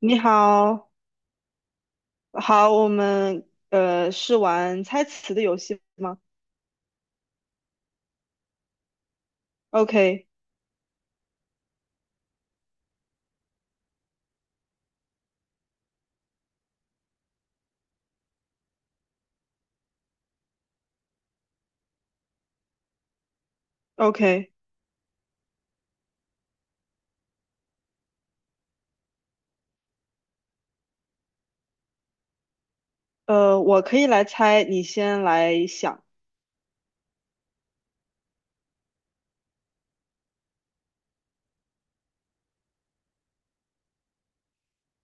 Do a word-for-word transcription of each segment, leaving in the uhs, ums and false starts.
你好。好，我们呃是玩猜词的游戏吗？OK OK。呃，我可以来猜，你先来想。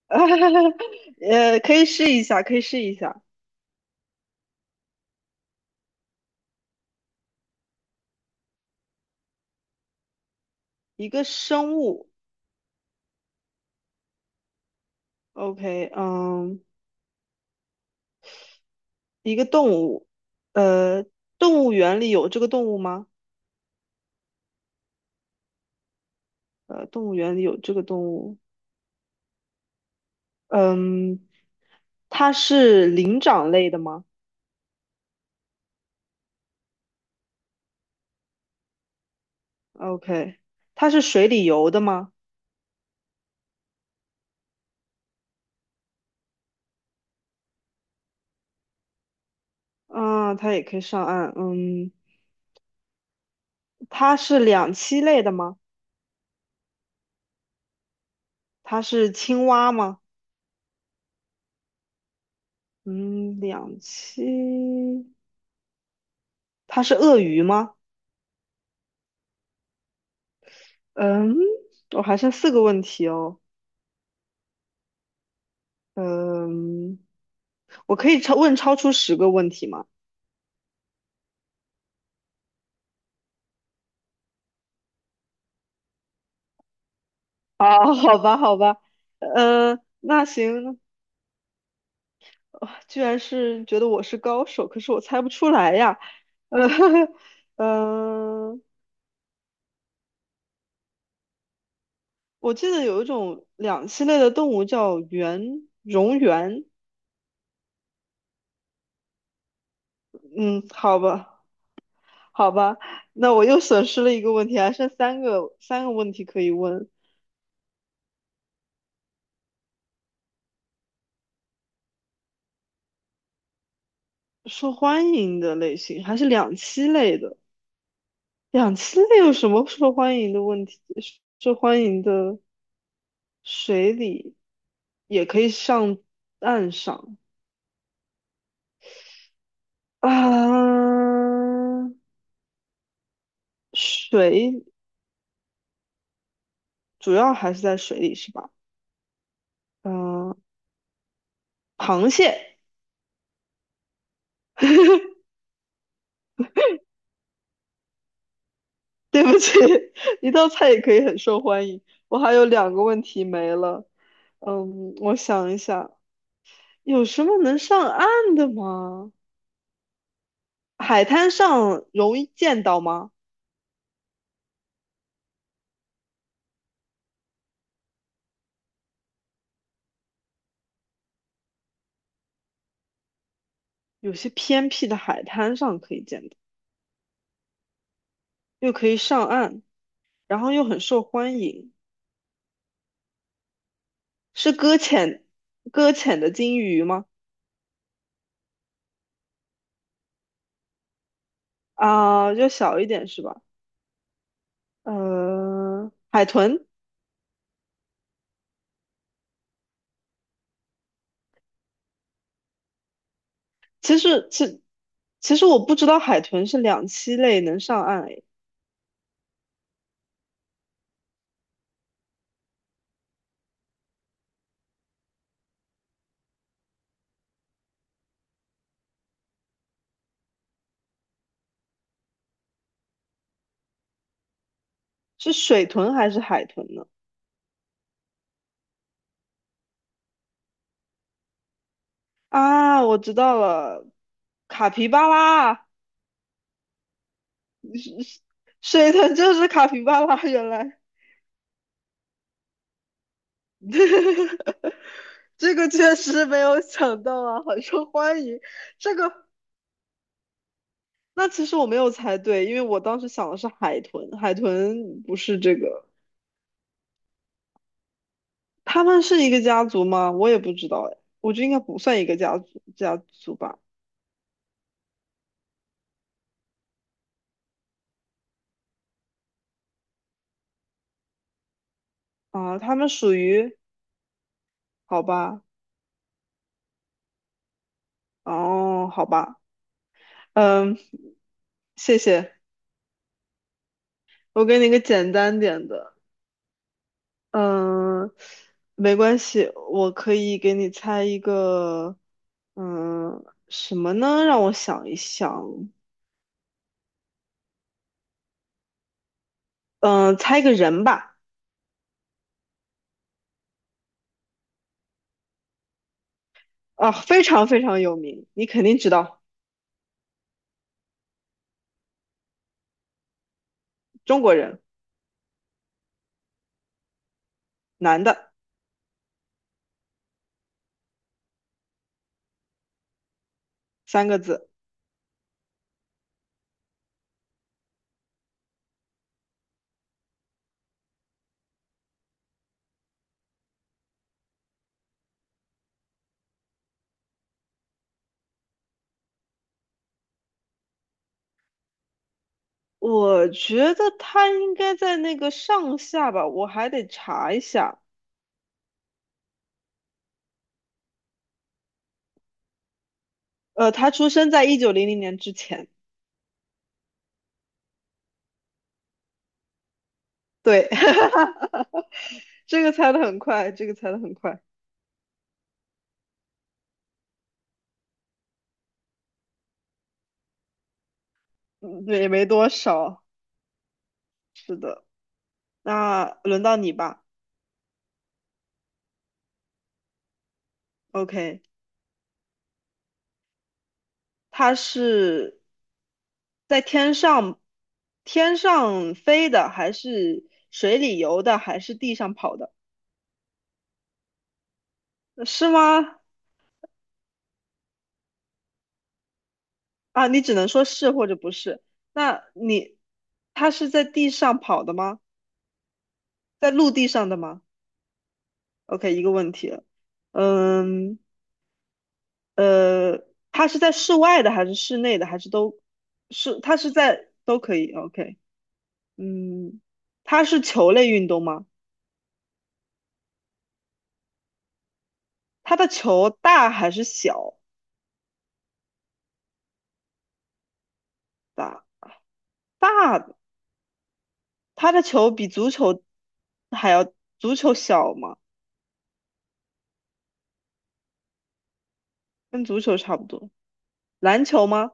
呃，可以试一下，可以试一下。一个生物。OK，嗯，一个动物。呃，动物园里有这个动物吗？呃，动物园里有这个动物。嗯，它是灵长类的吗？OK，它是水里游的吗？啊，它也可以上岸。嗯，它是两栖类的吗？它是青蛙吗？嗯，两栖。它是鳄鱼吗？嗯，我还剩四个问题哦。嗯，我可以超问超出十个问题吗？啊，好吧，好吧。呃，那行。啊，居然是觉得我是高手，可是我猜不出来呀。呃，嗯、我记得有一种两栖类的动物叫圆蝾螈。嗯，好吧，好吧。那我又损失了一个问题，还剩三个三个问题可以问。受欢迎的类型还是两栖类的？两栖类有什么受欢迎的问题？受欢迎的，水里也可以上岸上啊。水，主要还是在水里是吧？嗯，螃蟹。对不起，一道菜也可以很受欢迎。我还有两个问题没了。嗯，我想一下，有什么能上岸的吗？海滩上容易见到吗？有些偏僻的海滩上可以见到，又可以上岸，然后又很受欢迎。是搁浅，搁浅的金鱼吗？啊，就小一点是吧？呃，海豚。其实其其实我不知道海豚是两栖类能上岸。是水豚还是海豚呢？啊，我知道了，卡皮巴拉。水豚就是卡皮巴拉，原来。这个确实没有想到啊，很受欢迎。这个，那其实我没有猜对，因为我当时想的是海豚，海豚不是这个。他们是一个家族吗？我也不知道哎，我觉得应该不算一个家族家族吧。啊，他们属于，好吧。哦，好吧。嗯，谢谢。我给你个简单点的。嗯，没关系，我可以给你猜一个。嗯，什么呢？让我想一想。嗯，猜一个人吧。啊，非常非常有名，你肯定知道。中国人。男的。三个字。我觉得他应该在那个上下吧，我还得查一下。呃，他出生在一九零零年之前。对。这个猜的很快，这个猜的很快。嗯，也没多少。是的。那轮到你吧。OK，它是在天上天上飞的，还是水里游的，还是地上跑的？是吗？啊，你只能说是或者不是。那你，它是在地上跑的吗？在陆地上的吗？OK，一个问题了。嗯，呃，它是在室外的，还是室内的，还是都是？它是在都可以。OK。嗯，它是球类运动吗？它的球大还是小大？大，它的球比足球还要，足球小吗？跟足球差不多。篮球吗？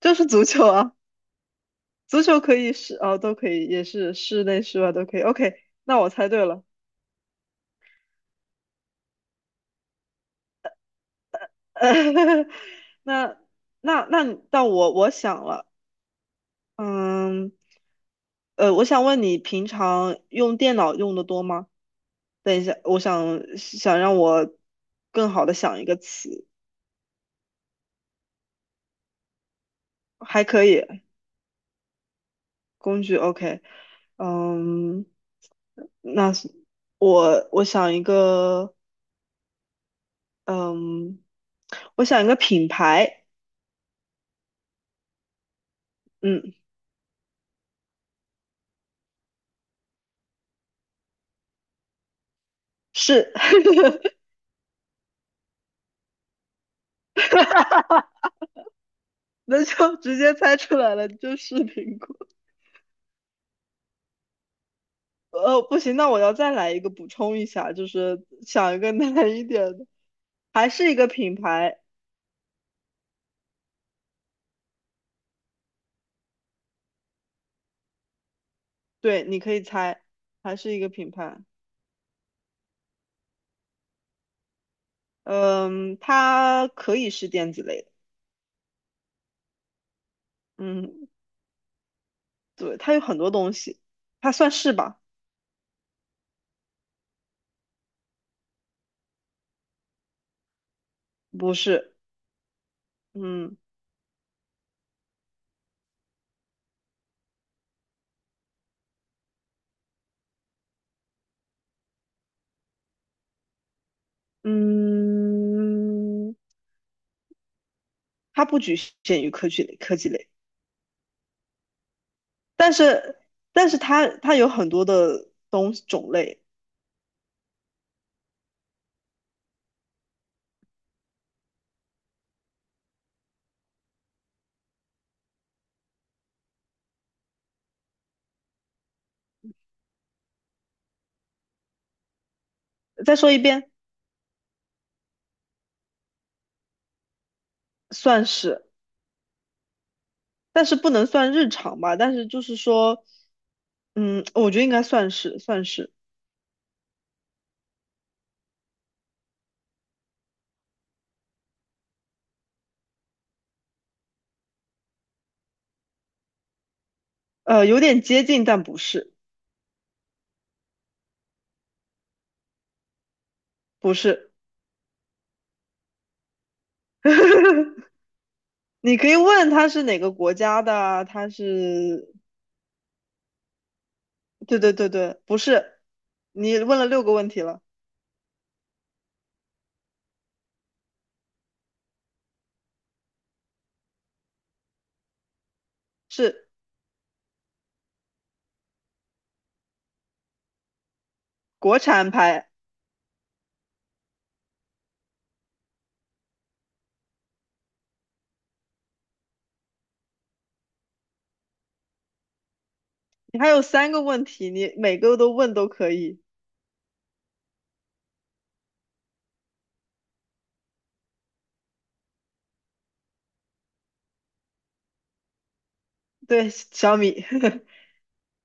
就是足球啊。足球可以是，哦，都可以，也是室内室外都可以。OK，那我猜对了。那那那你，那我我想了。嗯，呃，我想问你，平常用电脑用的多吗？等一下，我想想让我更好的想一个词。还可以，工具 OK。嗯，那是我我想一个。嗯，我想一个品牌。嗯，是。那就直接猜出来了，就是苹果。呃，不行，那我要再来一个补充一下，就是想一个难一点的。还是一个品牌。对，你可以猜。还是一个品牌。嗯，它可以是电子类的。嗯，对，它有很多东西，它算是吧？不是。嗯嗯，它不局限于科技类，科技类。但是但是它它有很多的东种类。再说一遍。算是，但是不能算日常吧？但是就是说，嗯，我觉得应该算是算是。呃，有点接近，但不是。不是。你可以问他是哪个国家的啊他是。对对对对，不是。你问了六个问题了。是国产牌。你还有三个问题，你每个都问都可以。对，小米。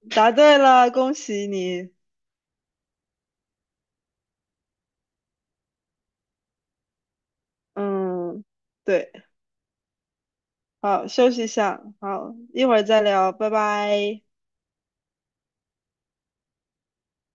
答对了，恭喜你。嗯，对，好，休息一下。好，一会儿再聊，拜拜。